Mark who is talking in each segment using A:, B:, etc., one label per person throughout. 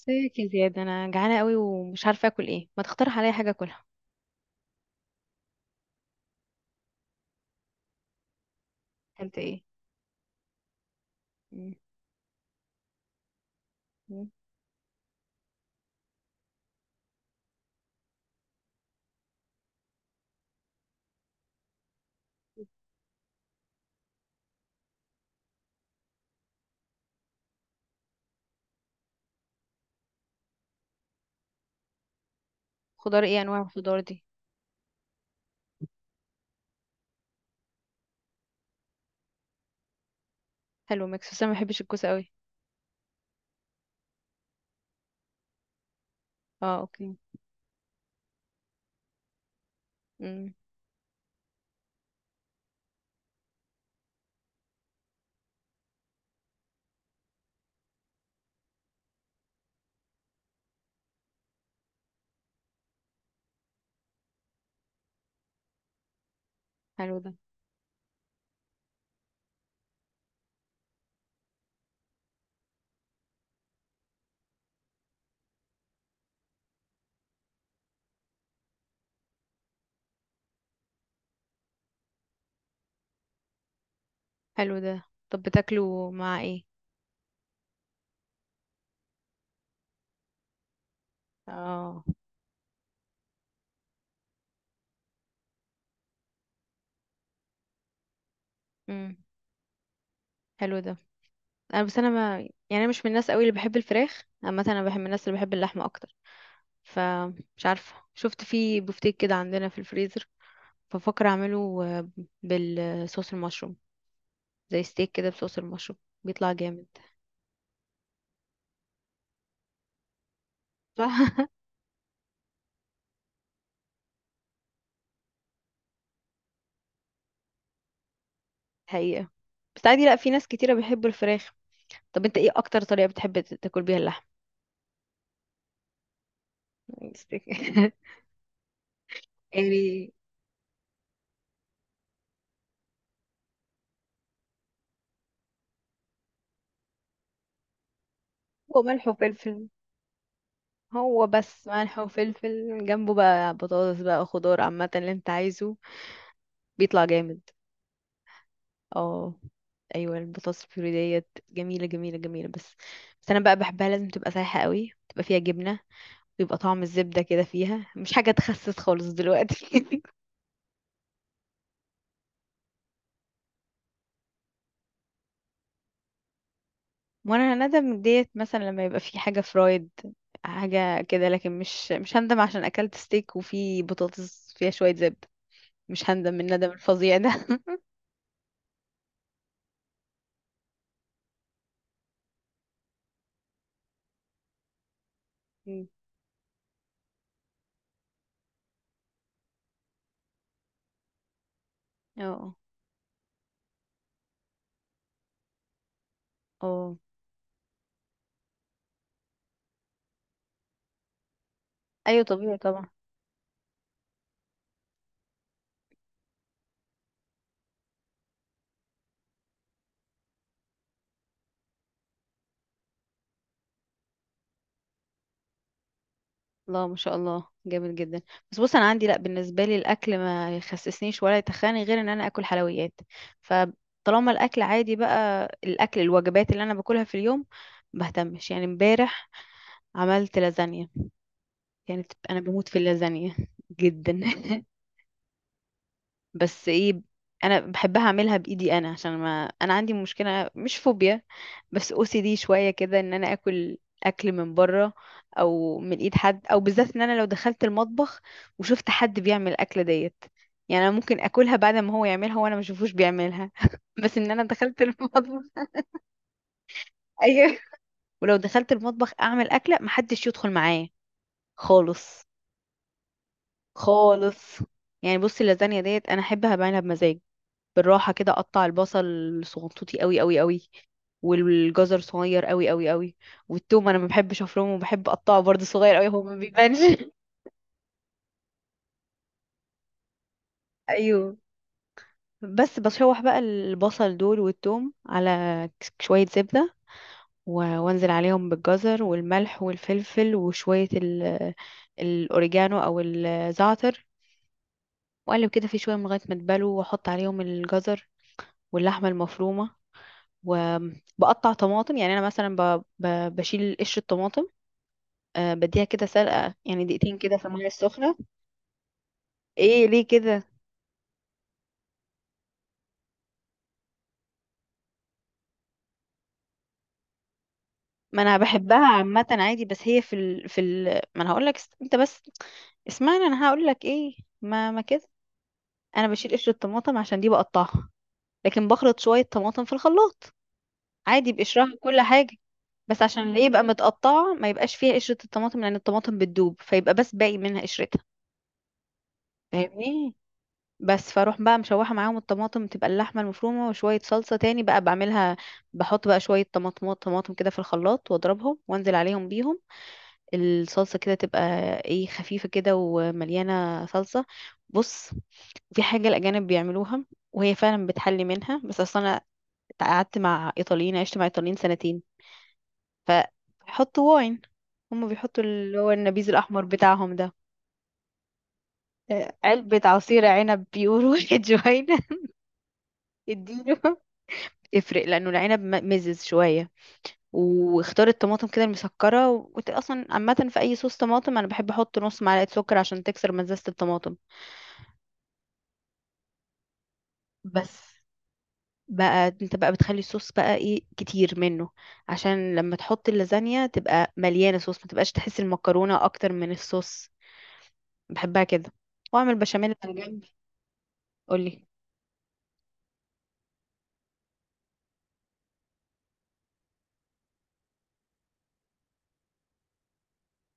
A: ازيك يا زياد؟ انا جعانه قوي ومش عارفه اكل ايه. ما تقترح عليا حاجه اكلها؟ اكلت ايه؟ مم. مم. خضار ايه؟ انواع الخضار دي؟ حلو، ميكس. بس انا ما بحبش الكوسه قوي. اه، اوكي. مم. حلو ده. حلو ده. طب بتاكله مع ايه؟ اه. مم. حلو ده. انا بس انا، ما يعني، أنا مش من الناس قوي اللي بحب الفراخ عامه. انا بحب من الناس اللي بحب اللحمه اكتر. فمش عارفه، شفت فيه بفتيك كده عندنا في الفريزر. بفكر اعمله بالصوص المشروم. زي ستيك كده بصوص المشروم. بيطلع جامد. صح. حقيقة. بس عادي، لا، في ناس كتيرة بيحبوا الفراخ. طب انت ايه اكتر طريقة بتحب تاكل بيها اللحم؟ يعني هو ملح وفلفل. هو بس ملح وفلفل، جنبه بقى بطاطس بقى خضار عامة اللي انت عايزه. بيطلع جامد. اه. ايوه، البطاطس البيوري ديت جميلة جميلة جميلة. بس بس انا بقى بحبها لازم تبقى سايحة قوي، تبقى فيها جبنة. ويبقى طعم الزبدة كده فيها. مش حاجة تخسس خالص دلوقتي. وانا هندم ديت مثلا لما يبقى في حاجه فرايد، حاجه كده. لكن مش هندم عشان اكلت ستيك وفي بطاطس فيها شويه زبده. مش هندم من الندم الفظيع ده. مم. اه. اه. ايوه، طبيعي طبعا. لا، ما شاء الله، جامد جدا. بس بص، انا عندي، لا، بالنسبه لي الاكل ما يخسسنيش ولا يتخاني غير ان انا اكل حلويات. فطالما الاكل عادي، بقى الاكل الوجبات اللي انا باكلها في اليوم بهتمش. يعني امبارح عملت لازانيا. كانت، انا بموت في اللازانيا جدا. بس ايه، انا بحبها اعملها بايدي انا، عشان ما انا عندي مشكله، مش فوبيا. بس او سي دي شويه كده، ان انا اكل اكل من بره، او من ايد حد. او بالذات ان انا لو دخلت المطبخ وشفت حد بيعمل الاكله ديت، يعني انا ممكن اكلها بعد ما هو يعملها وانا ما اشوفوش بيعملها. بس ان انا دخلت المطبخ. ايوه. ولو دخلت المطبخ اعمل اكله محدش يدخل معايا خالص. خالص. يعني بصي، اللازانيا ديت انا احبها بعملها بمزاج، بالراحه كده. اقطع البصل صغنطوطي قوي قوي قوي، والجزر صغير قوي قوي قوي. والثوم، انا ما بحبش افرمه وبحب اقطعه برضه صغير قوي، هو ما بيبانش. ايوه. بس بشوح بقى البصل دول والثوم على شويه زبده. وانزل عليهم بالجزر والملح والفلفل وشويه الاوريجانو او الزعتر، واقلب كده في شويه من لغايه ما تبلوا، واحط عليهم الجزر واللحمه المفرومه. وبقطع طماطم. يعني انا مثلا بشيل قشر الطماطم. أه، بديها كده سلقه، يعني دقيقتين كده في الميه السخنه. ايه ليه كده؟ ما انا بحبها عامه عادي، بس هي ما انا هقول لك، انت بس اسمعني، انا هقول لك ايه. ما كده. انا بشيل قشر الطماطم عشان دي بقطعها، لكن بخلط شويه طماطم في الخلاط عادي، بقشرها كل حاجه. بس عشان اللي يبقى متقطعه ما يبقاش فيها قشره الطماطم، لان الطماطم بتدوب فيبقى بس باقي منها قشرتها. فاهمني؟ بس فاروح بقى مشوحه معاهم الطماطم، تبقى اللحمه المفرومه وشويه صلصه تاني بقى بعملها. بحط بقى شويه طماطم كده في الخلاط واضربهم وانزل عليهم بيهم. الصلصه كده تبقى ايه؟ خفيفه كده ومليانه صلصه. بص، في حاجه الاجانب بيعملوها وهي فعلا بتحلي منها. بس اصلا انا قعدت مع ايطاليين، عشت مع ايطاليين سنتين. فحطوا واين، هم بيحطوا اللي هو النبيذ الاحمر بتاعهم ده. علبة عصير عنب بيقولوا. جوينا. اديله يفرق، لانه العنب مزز شويه. واختار الطماطم كده المسكره. وانت اصلا عامه في اي صوص طماطم انا بحب احط نص معلقه سكر عشان تكسر مزازه الطماطم. بس بقى انت بقى بتخلي الصوص بقى ايه؟ كتير منه، عشان لما تحط اللازانيا تبقى مليانه صوص، ما تبقاش تحس المكرونه اكتر من الصوص. بحبها كده. واعمل بشاميل من جنب. قولي.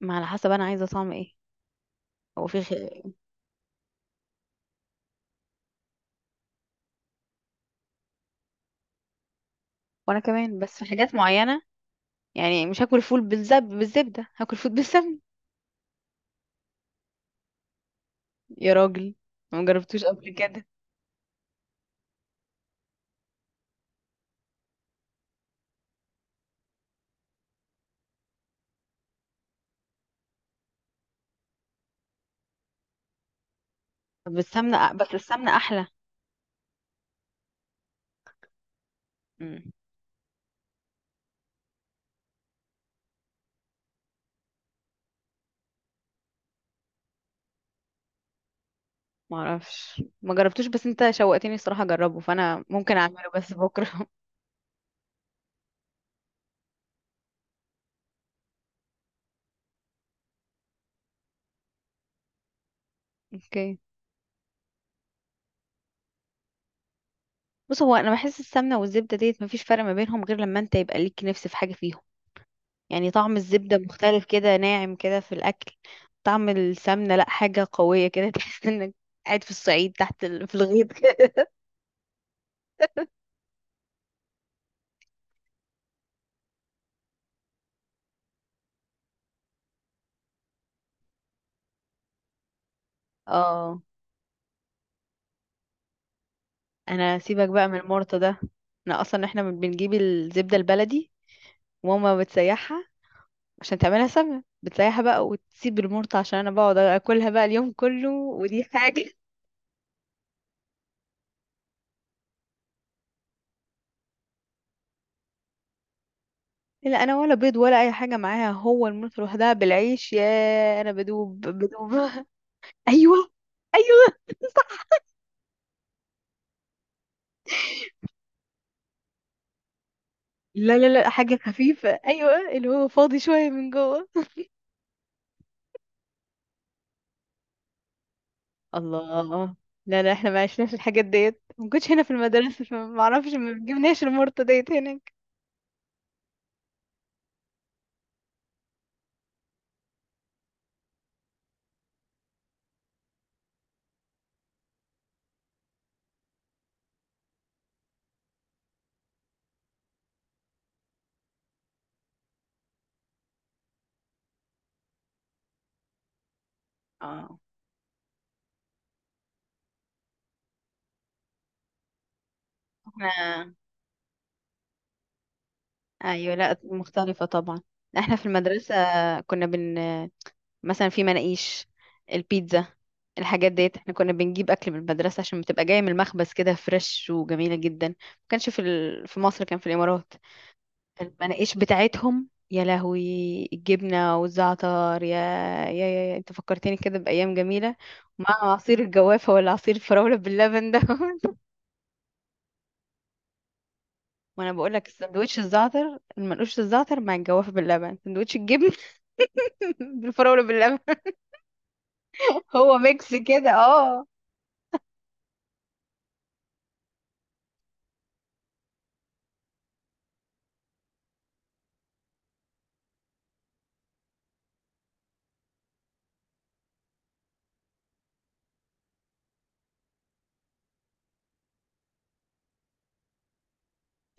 A: ما على حسب انا عايزه طعم ايه. هو في وانا كمان، بس في حاجات معينه. يعني مش هاكل فول بالزبده، هاكل فول بالسمنه. يا راجل، ما جربتوش قبل كده؟ طب السمنة، بس السمنة أحلى. مم. ما اعرفش، ما جربتوش، بس انت شوقتني الصراحة اجربه. فانا ممكن اعمله بس بكرة. اوكي. بص، هو انا بحس السمنة والزبدة ديت مفيش فرق ما بينهم، غير لما انت يبقى ليك نفس في حاجة فيهم. يعني طعم الزبدة مختلف كده، ناعم كده في الاكل. طعم السمنة، لا، حاجة قوية كده. تحس انك قاعد في الصعيد تحت في الغيط كده. اه. انا سيبك بقى من المرطة ده. انا اصلا، احنا بنجيب الزبدة البلدي وماما بتسيحها عشان تعملها سمنة. بتسيحها بقى وتسيب المرط، عشان انا بقعد اكلها بقى اليوم كله ودي حاجة. لا، انا ولا بيض ولا اي حاجة معاها، هو المرط لوحدها بالعيش يا. انا بدوب بدوب. ايوه. ايوه. لا لا لا، حاجة خفيفة، ايوه اللي هو فاضي شوية من جوه. الله. لا لا، احنا ما عشناش الحاجات ديت، ما كنتش هنا في المدرسة، فما اعرفش، ما جبناش المرطة ديت هناك. اه. احنا، ايوه، لا، مختلفة طبعا. احنا في المدرسة كنا بن مثلا في مناقيش، البيتزا، الحاجات ديت احنا كنا بنجيب اكل من المدرسه، عشان بتبقى جايه من المخبز كده فريش وجميله جدا. ما كانش في في مصر، كان في الامارات. المناقيش بتاعتهم يا لهوي، الجبنه والزعتر يا، يا يا، يا. انت فكرتني كده بايام جميله، مع عصير الجوافه ولا عصير الفراوله باللبن ده. وانا بقول لك السندوتش الزعتر، المنقوش الزعتر مع الجوافه باللبن، سندوتش الجبن. بالفراوله باللبن. هو ميكس كده، اه.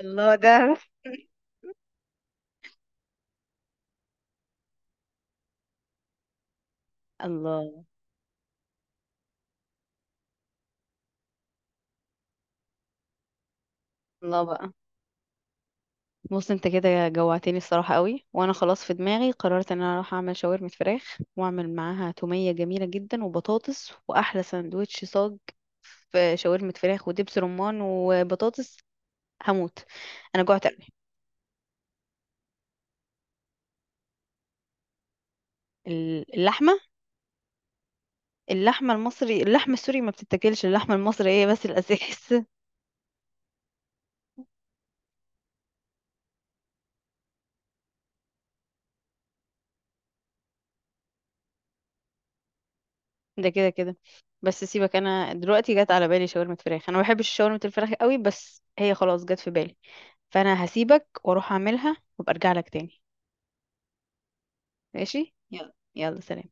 A: الله ده. الله. الله بقى. بص، انت كده جوعتني الصراحة قوي، وانا خلاص في دماغي قررت ان انا اروح اعمل شاورما فراخ واعمل معاها تومية جميلة جدا وبطاطس، واحلى سندوتش صاج في شاورما فراخ ودبس رمان وبطاطس. هموت. انا جوعت قوي. اللحمة. اللحمة المصري، اللحمة السوري ما بتتاكلش اللحمة المصرية، بس الاساس ده كده كده. بس سيبك، انا دلوقتي جت على بالي شاورما فراخ. انا ما بحبش شاورما الفراخ قوي بس هي خلاص جت في بالي، فانا هسيبك واروح اعملها وابقى ارجع لك تاني. ماشي، يلا يلا، سلام.